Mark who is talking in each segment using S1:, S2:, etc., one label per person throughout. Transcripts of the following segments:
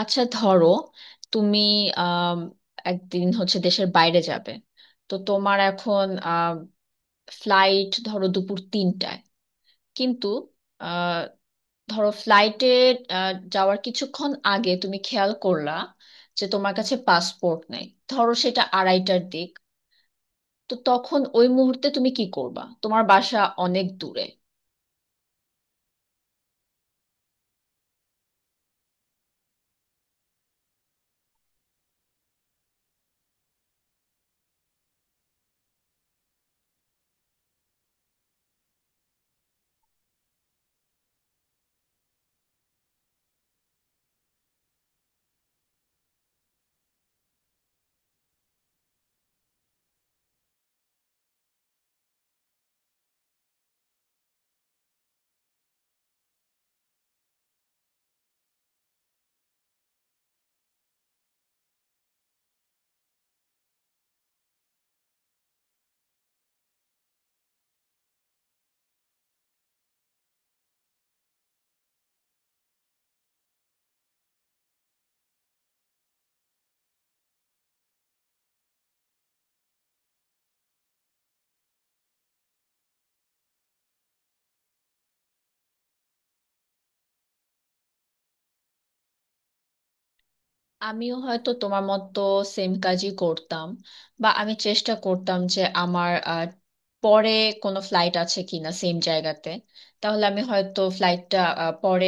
S1: আচ্ছা, ধরো তুমি আম, একদিন হচ্ছে দেশের বাইরে যাবে। তো তোমার এখন ফ্লাইট ধরো দুপুর তিনটায়, কিন্তু আহ, ধরো ফ্লাইটে যাওয়ার কিছুক্ষণ আগে তুমি খেয়াল করলা যে তোমার কাছে পাসপোর্ট নেই। ধরো সেটা আড়াইটার দিক। তো তখন ওই মুহূর্তে তুমি কি করবা, তোমার বাসা অনেক দূরে। আমিও হয়তো তোমার মতো সেম কাজই করতাম, বা আমি চেষ্টা করতাম যে আমার পরে কোনো ফ্লাইট আছে কিনা সেম জায়গাতে। তাহলে আমি হয়তো ফ্লাইটটা পরে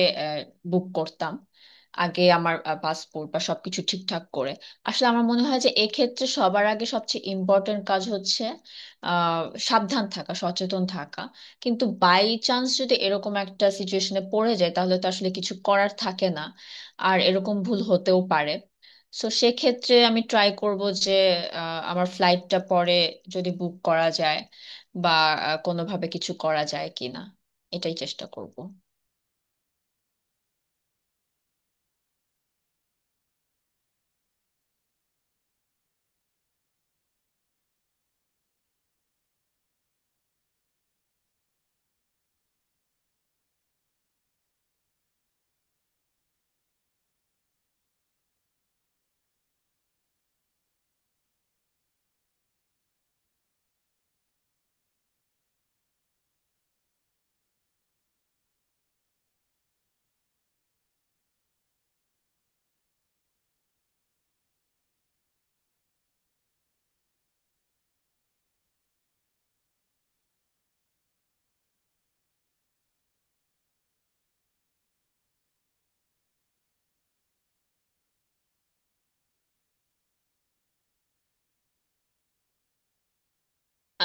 S1: বুক করতাম, আগে আমার পাসপোর্ট বা সবকিছু ঠিকঠাক করে। আসলে আমার মনে হয় যে এক্ষেত্রে সবার আগে সবচেয়ে ইম্পর্টেন্ট কাজ হচ্ছে আহ সাবধান থাকা, সচেতন থাকা। কিন্তু বাই চান্স যদি এরকম একটা সিচুয়েশনে পড়ে যায়, তাহলে তো আসলে কিছু করার থাকে না। আর এরকম ভুল হতেও পারে। সো সেক্ষেত্রে আমি ট্রাই করব যে আমার ফ্লাইটটা পরে যদি বুক করা যায়, বা কোনোভাবে কিছু করা যায় কিনা, এটাই চেষ্টা করব।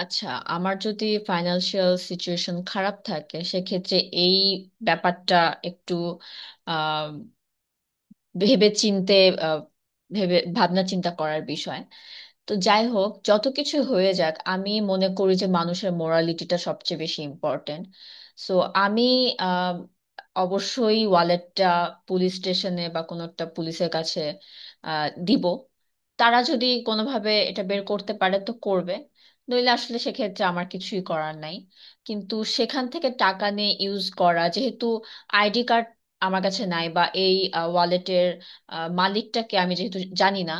S1: আচ্ছা, আমার যদি ফাইন্যান্সিয়াল সিচুয়েশন খারাপ থাকে, সেক্ষেত্রে এই ব্যাপারটা একটু আহ ভেবে চিনতে, আহ, ভেবে ভাবনা চিন্তা করার বিষয়। তো যাই হোক, যত কিছু হয়ে যাক, আমি মনে করি যে মানুষের মোরালিটিটা সবচেয়ে বেশি ইম্পর্টেন্ট। সো আমি আহ, অবশ্যই ওয়ালেটটা পুলিশ স্টেশনে বা কোনো একটা পুলিশের কাছে দিব। তারা যদি কোনোভাবে এটা বের করতে পারে তো করবে, নইলে আসলে সেক্ষেত্রে আমার কিছুই করার নাই। কিন্তু সেখান থেকে টাকা নিয়ে ইউজ করা, যেহেতু আইডি কার্ড আমার কাছে নাই বা এই ওয়ালেটের মালিকটাকে আমি যেহেতু জানি না,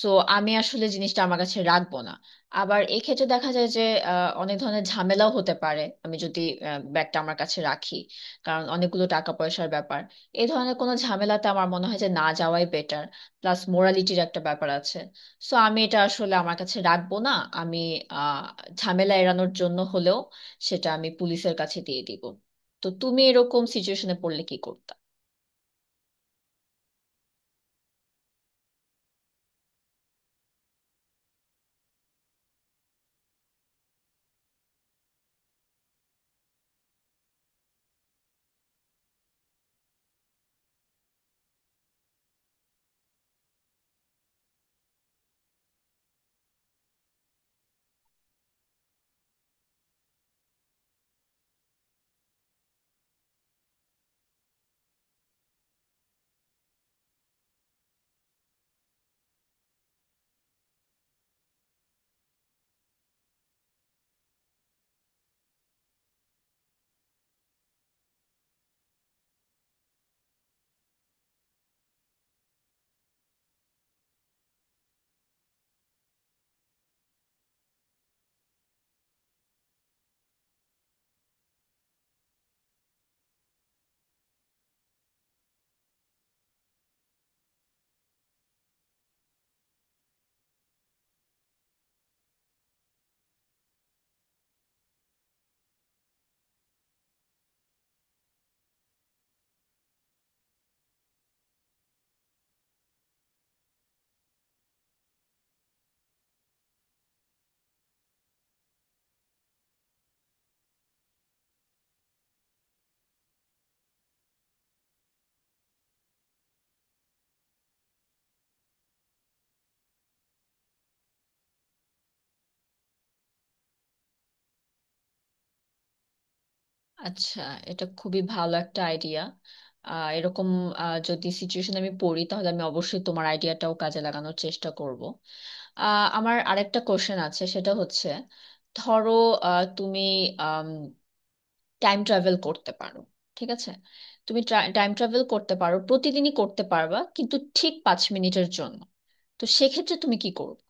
S1: সো আমি আসলে জিনিসটা আমার কাছে রাখবো না। আবার এক্ষেত্রে দেখা যায় যে অনেক ধরনের ঝামেলাও হতে পারে আমি যদি ব্যাগটা আমার কাছে রাখি, কারণ অনেকগুলো টাকা পয়সার ব্যাপার। এই ধরনের কোনো ঝামেলাতে আমার মনে হয় যে না যাওয়াই বেটার, প্লাস মোরালিটির একটা ব্যাপার আছে। সো আমি এটা আসলে আমার কাছে রাখবো না। আমি আহ ঝামেলা এড়ানোর জন্য হলেও সেটা আমি পুলিশের কাছে দিয়ে দিব। তো তুমি এরকম সিচুয়েশনে পড়লে কি করবে? আচ্ছা, এটা খুবই ভালো একটা আইডিয়া। এরকম যদি সিচুয়েশন আমি পড়ি তাহলে আমি অবশ্যই তোমার আইডিয়াটাও কাজে লাগানোর চেষ্টা করব। আমার আরেকটা কোশ্চেন আছে, সেটা হচ্ছে ধরো তুমি টাইম ট্রাভেল করতে পারো, ঠিক আছে? তুমি টাইম ট্রাভেল করতে পারো প্রতিদিনই করতে পারবা, কিন্তু ঠিক 5 মিনিটের জন্য। তো সেক্ষেত্রে তুমি কি করবে?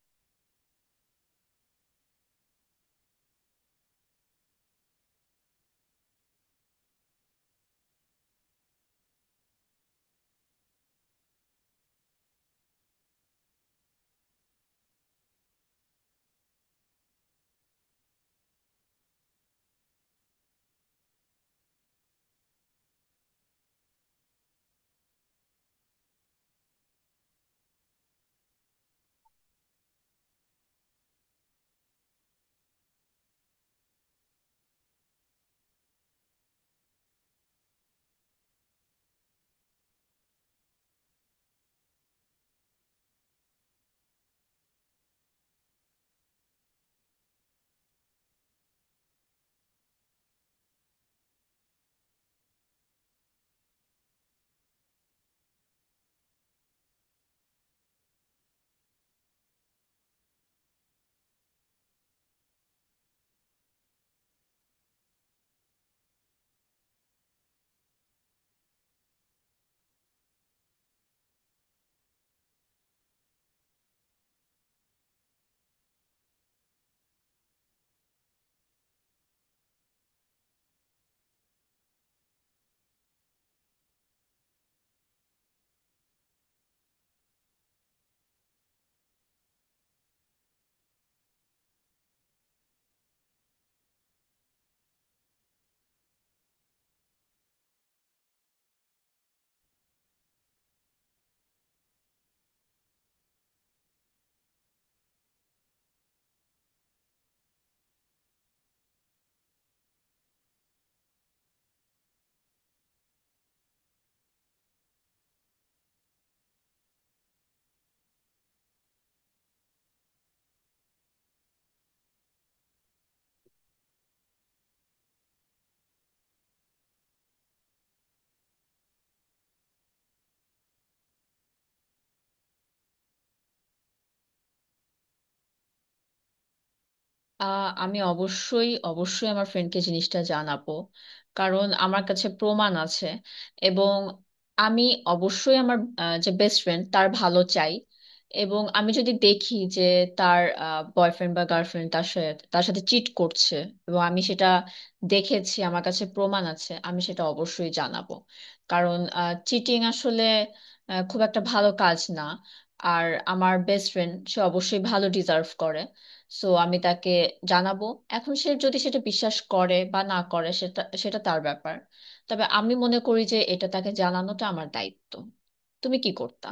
S1: আমি অবশ্যই অবশ্যই আমার ফ্রেন্ডকে জিনিসটা জানাবো, কারণ আমার কাছে প্রমাণ আছে। এবং আমি অবশ্যই আমার যে বেস্ট ফ্রেন্ড তার ভালো চাই। এবং আমি যদি দেখি যে তার বয়ফ্রেন্ড বা গার্লফ্রেন্ড তার সাথে তার সাথে চিট করছে, এবং আমি সেটা দেখেছি, আমার কাছে প্রমাণ আছে, আমি সেটা অবশ্যই জানাবো। কারণ চিটিং আসলে খুব একটা ভালো কাজ না। আর আমার বেস্ট ফ্রেন্ড সে অবশ্যই ভালো ডিজার্ভ করে। সো আমি তাকে জানাবো। এখন সে যদি সেটা বিশ্বাস করে বা না করে, সেটা সেটা তার ব্যাপার। তবে আমি মনে করি যে এটা তাকে জানানোটা আমার দায়িত্ব। তুমি কি করতা?